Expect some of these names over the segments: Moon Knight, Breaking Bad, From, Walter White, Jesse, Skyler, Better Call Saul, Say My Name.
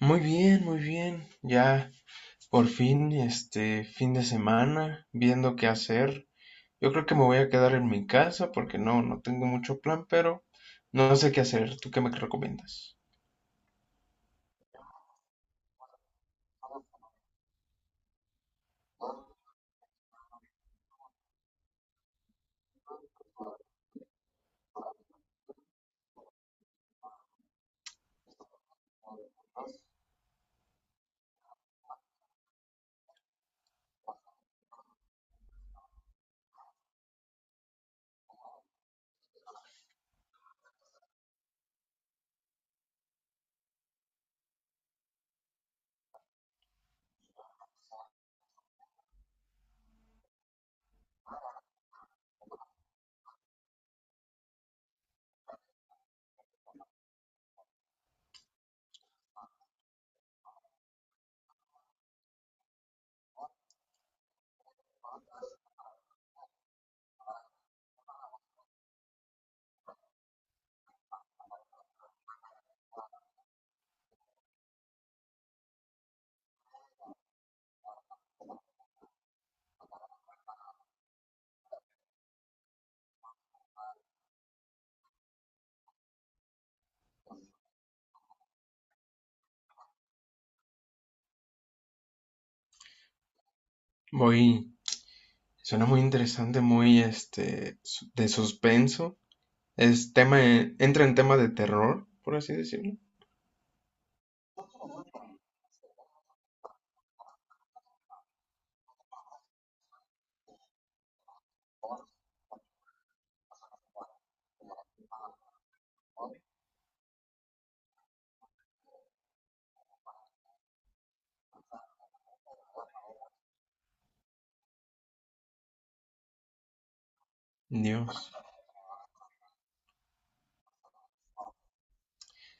Muy bien, muy bien. Ya por fin, este fin de semana, viendo qué hacer. Yo creo que me voy a quedar en mi casa porque no tengo mucho plan, pero no sé qué hacer. ¿Tú qué me recomiendas? Muy, suena muy interesante, muy de suspenso. Es entra en tema de terror, por así decirlo. Dios.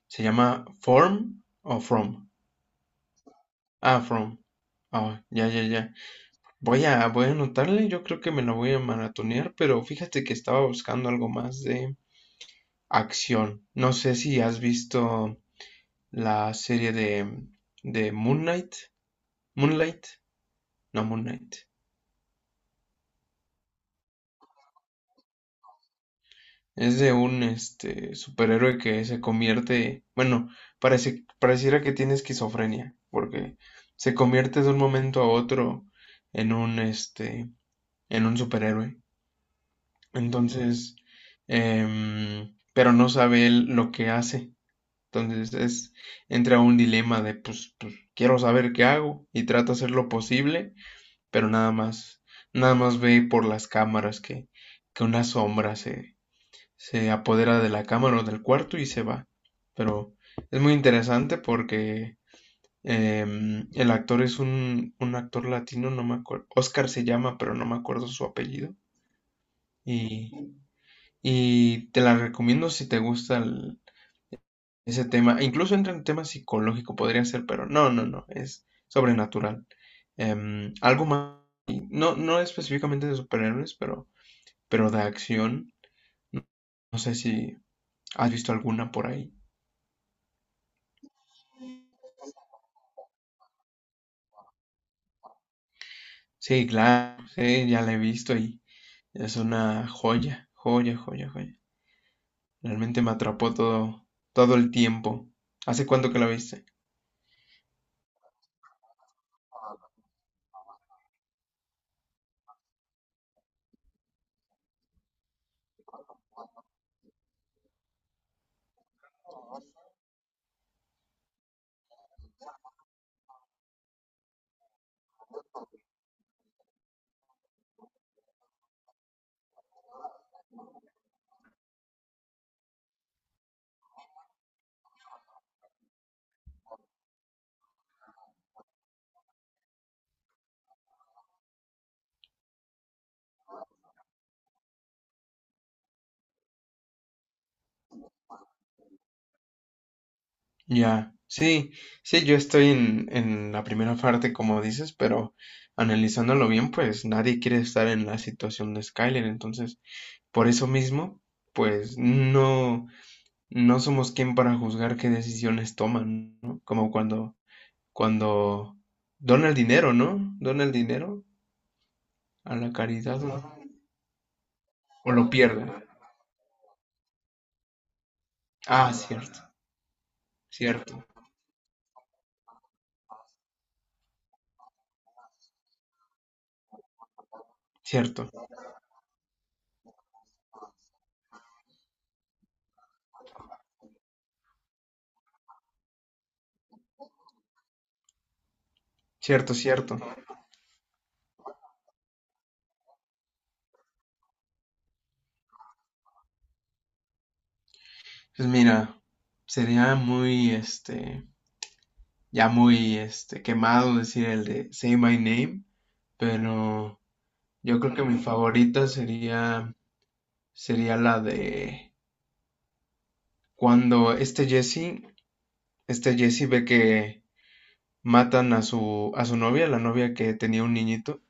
¿Se llama Form o From? Ah, From. Ah, ya, ya, ya. Voy a anotarle, yo creo que me la voy a maratonear, pero fíjate que estaba buscando algo más de acción. No sé si has visto la serie de Moon Knight. Moonlight, no Moon Knight. Es de un este superhéroe que se convierte, bueno, pareciera que tiene esquizofrenia, porque se convierte de un momento a otro en un este, en un superhéroe. Entonces, pero no sabe él lo que hace. Entonces es, entra un dilema de, pues, quiero saber qué hago y trato de hacer lo posible, pero nada más, nada más ve por las cámaras que una sombra se apodera de la cámara o del cuarto y se va. Pero es muy interesante porque el actor es un actor latino, no me acuerdo, Oscar se llama, pero no me acuerdo su apellido. Y, y te la recomiendo si te gusta ese tema. Incluso entra en tema psicológico, podría ser, pero no, no, no, es sobrenatural. Algo más, no, no específicamente de superhéroes, pero de acción. No sé si has visto alguna por ahí. Sí, claro, sí, ya la he visto y es una joya, joya, joya, joya. Realmente me atrapó todo el tiempo. ¿Hace cuánto que la viste? Ya, sí, sí, yo estoy en la primera parte, como dices, pero analizándolo bien, pues nadie quiere estar en la situación de Skyler, entonces, por eso mismo, pues no, no somos quien para juzgar qué decisiones toman, ¿no? Como cuando, cuando dona el dinero, ¿no? Dona el dinero a la caridad o lo pierde. Ah, cierto, cierto, cierto, cierto, cierto. Pues mira, sería muy, este... ya muy este, quemado decir el de Say My Name, pero yo creo que mi favorita sería la de cuando este Jesse ve que matan a a su novia, la novia que tenía un niñito.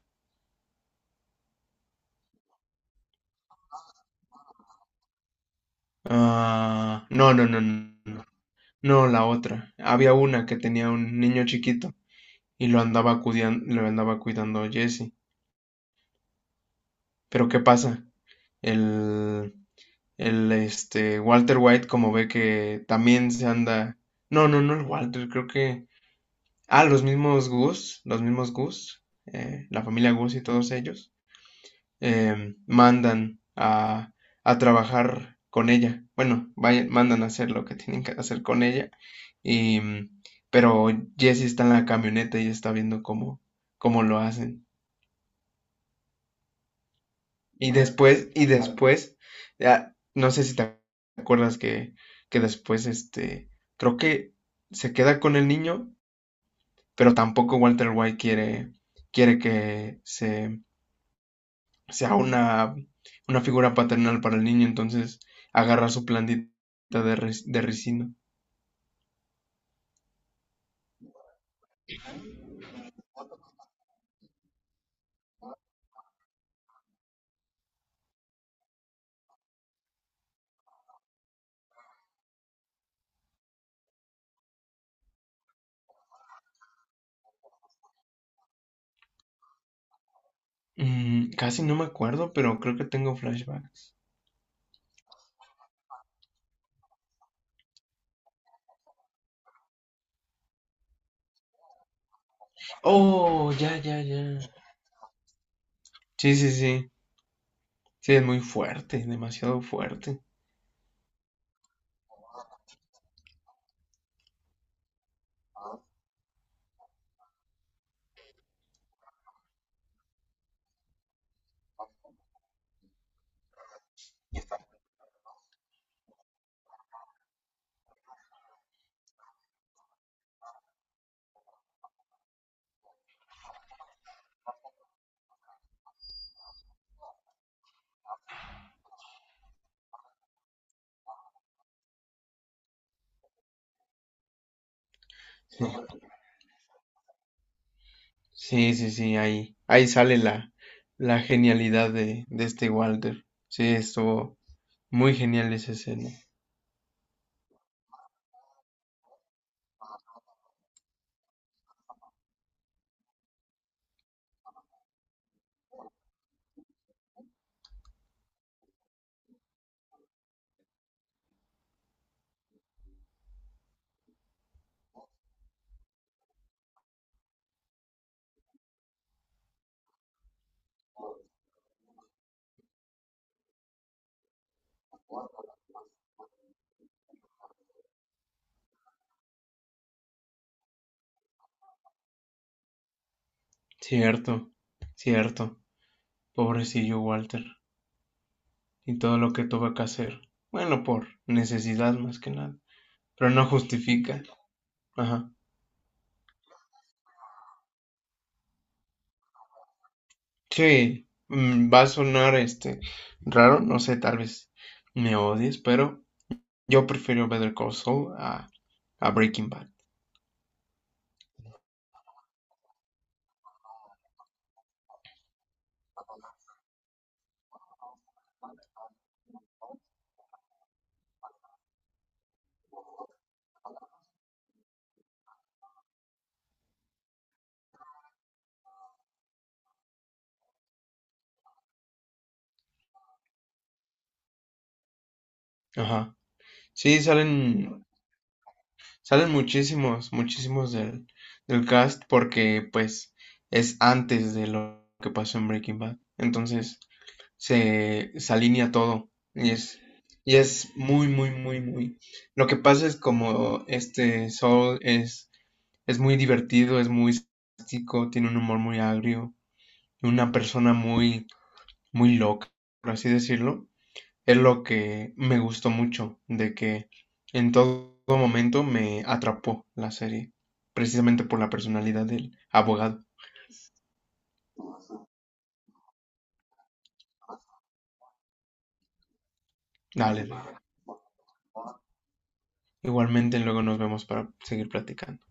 Ah, no, no, no, no, no, no, la otra. Había una que tenía un niño chiquito y lo andaba cuidando Jesse. Pero ¿qué pasa? El, El este Walter White, como ve que también se anda. No, no, no el Walter, creo que. Ah, los mismos Goose, la familia Goose y todos ellos, eh, mandan a, a trabajar con ella. Bueno, mandan a hacer lo que tienen que hacer con ella. Y, mm, pero Jesse está en la camioneta y está viendo cómo lo hacen. Y después, ya, no sé si te acuerdas que después, creo que se queda con el niño, pero tampoco Walter White quiere que sea una figura paternal para el niño, entonces agarra su plantita de ricino. Mm, casi no me acuerdo, pero creo que tengo flashbacks. Oh, ya, ya, ya. Sí, sí, sí. Sí, es muy fuerte, demasiado fuerte. Sí, sí, sí, ahí, ahí sale la genialidad de este Walter. Sí, estuvo muy genial esa escena. Cierto, cierto. Pobrecillo Walter. Y todo lo que tuvo que hacer. Bueno, por necesidad más que nada. Pero no justifica. Ajá. Sí, va a sonar este raro, no sé, tal vez me odies, pero yo prefiero Better Call Saul a Breaking Bad. Ajá. Sí, salen. Salen muchísimos, muchísimos del cast porque pues es antes de lo que pasó en Breaking Bad. Entonces se alinea todo y es muy, muy, muy, muy... Lo que pasa es como es muy divertido, es muy sarcástico, tiene un humor muy agrio, una persona muy, muy loca, por así decirlo. Es lo que me gustó mucho, de que en todo momento me atrapó la serie, precisamente por la personalidad del abogado. Dale, igualmente luego nos vemos para seguir platicando.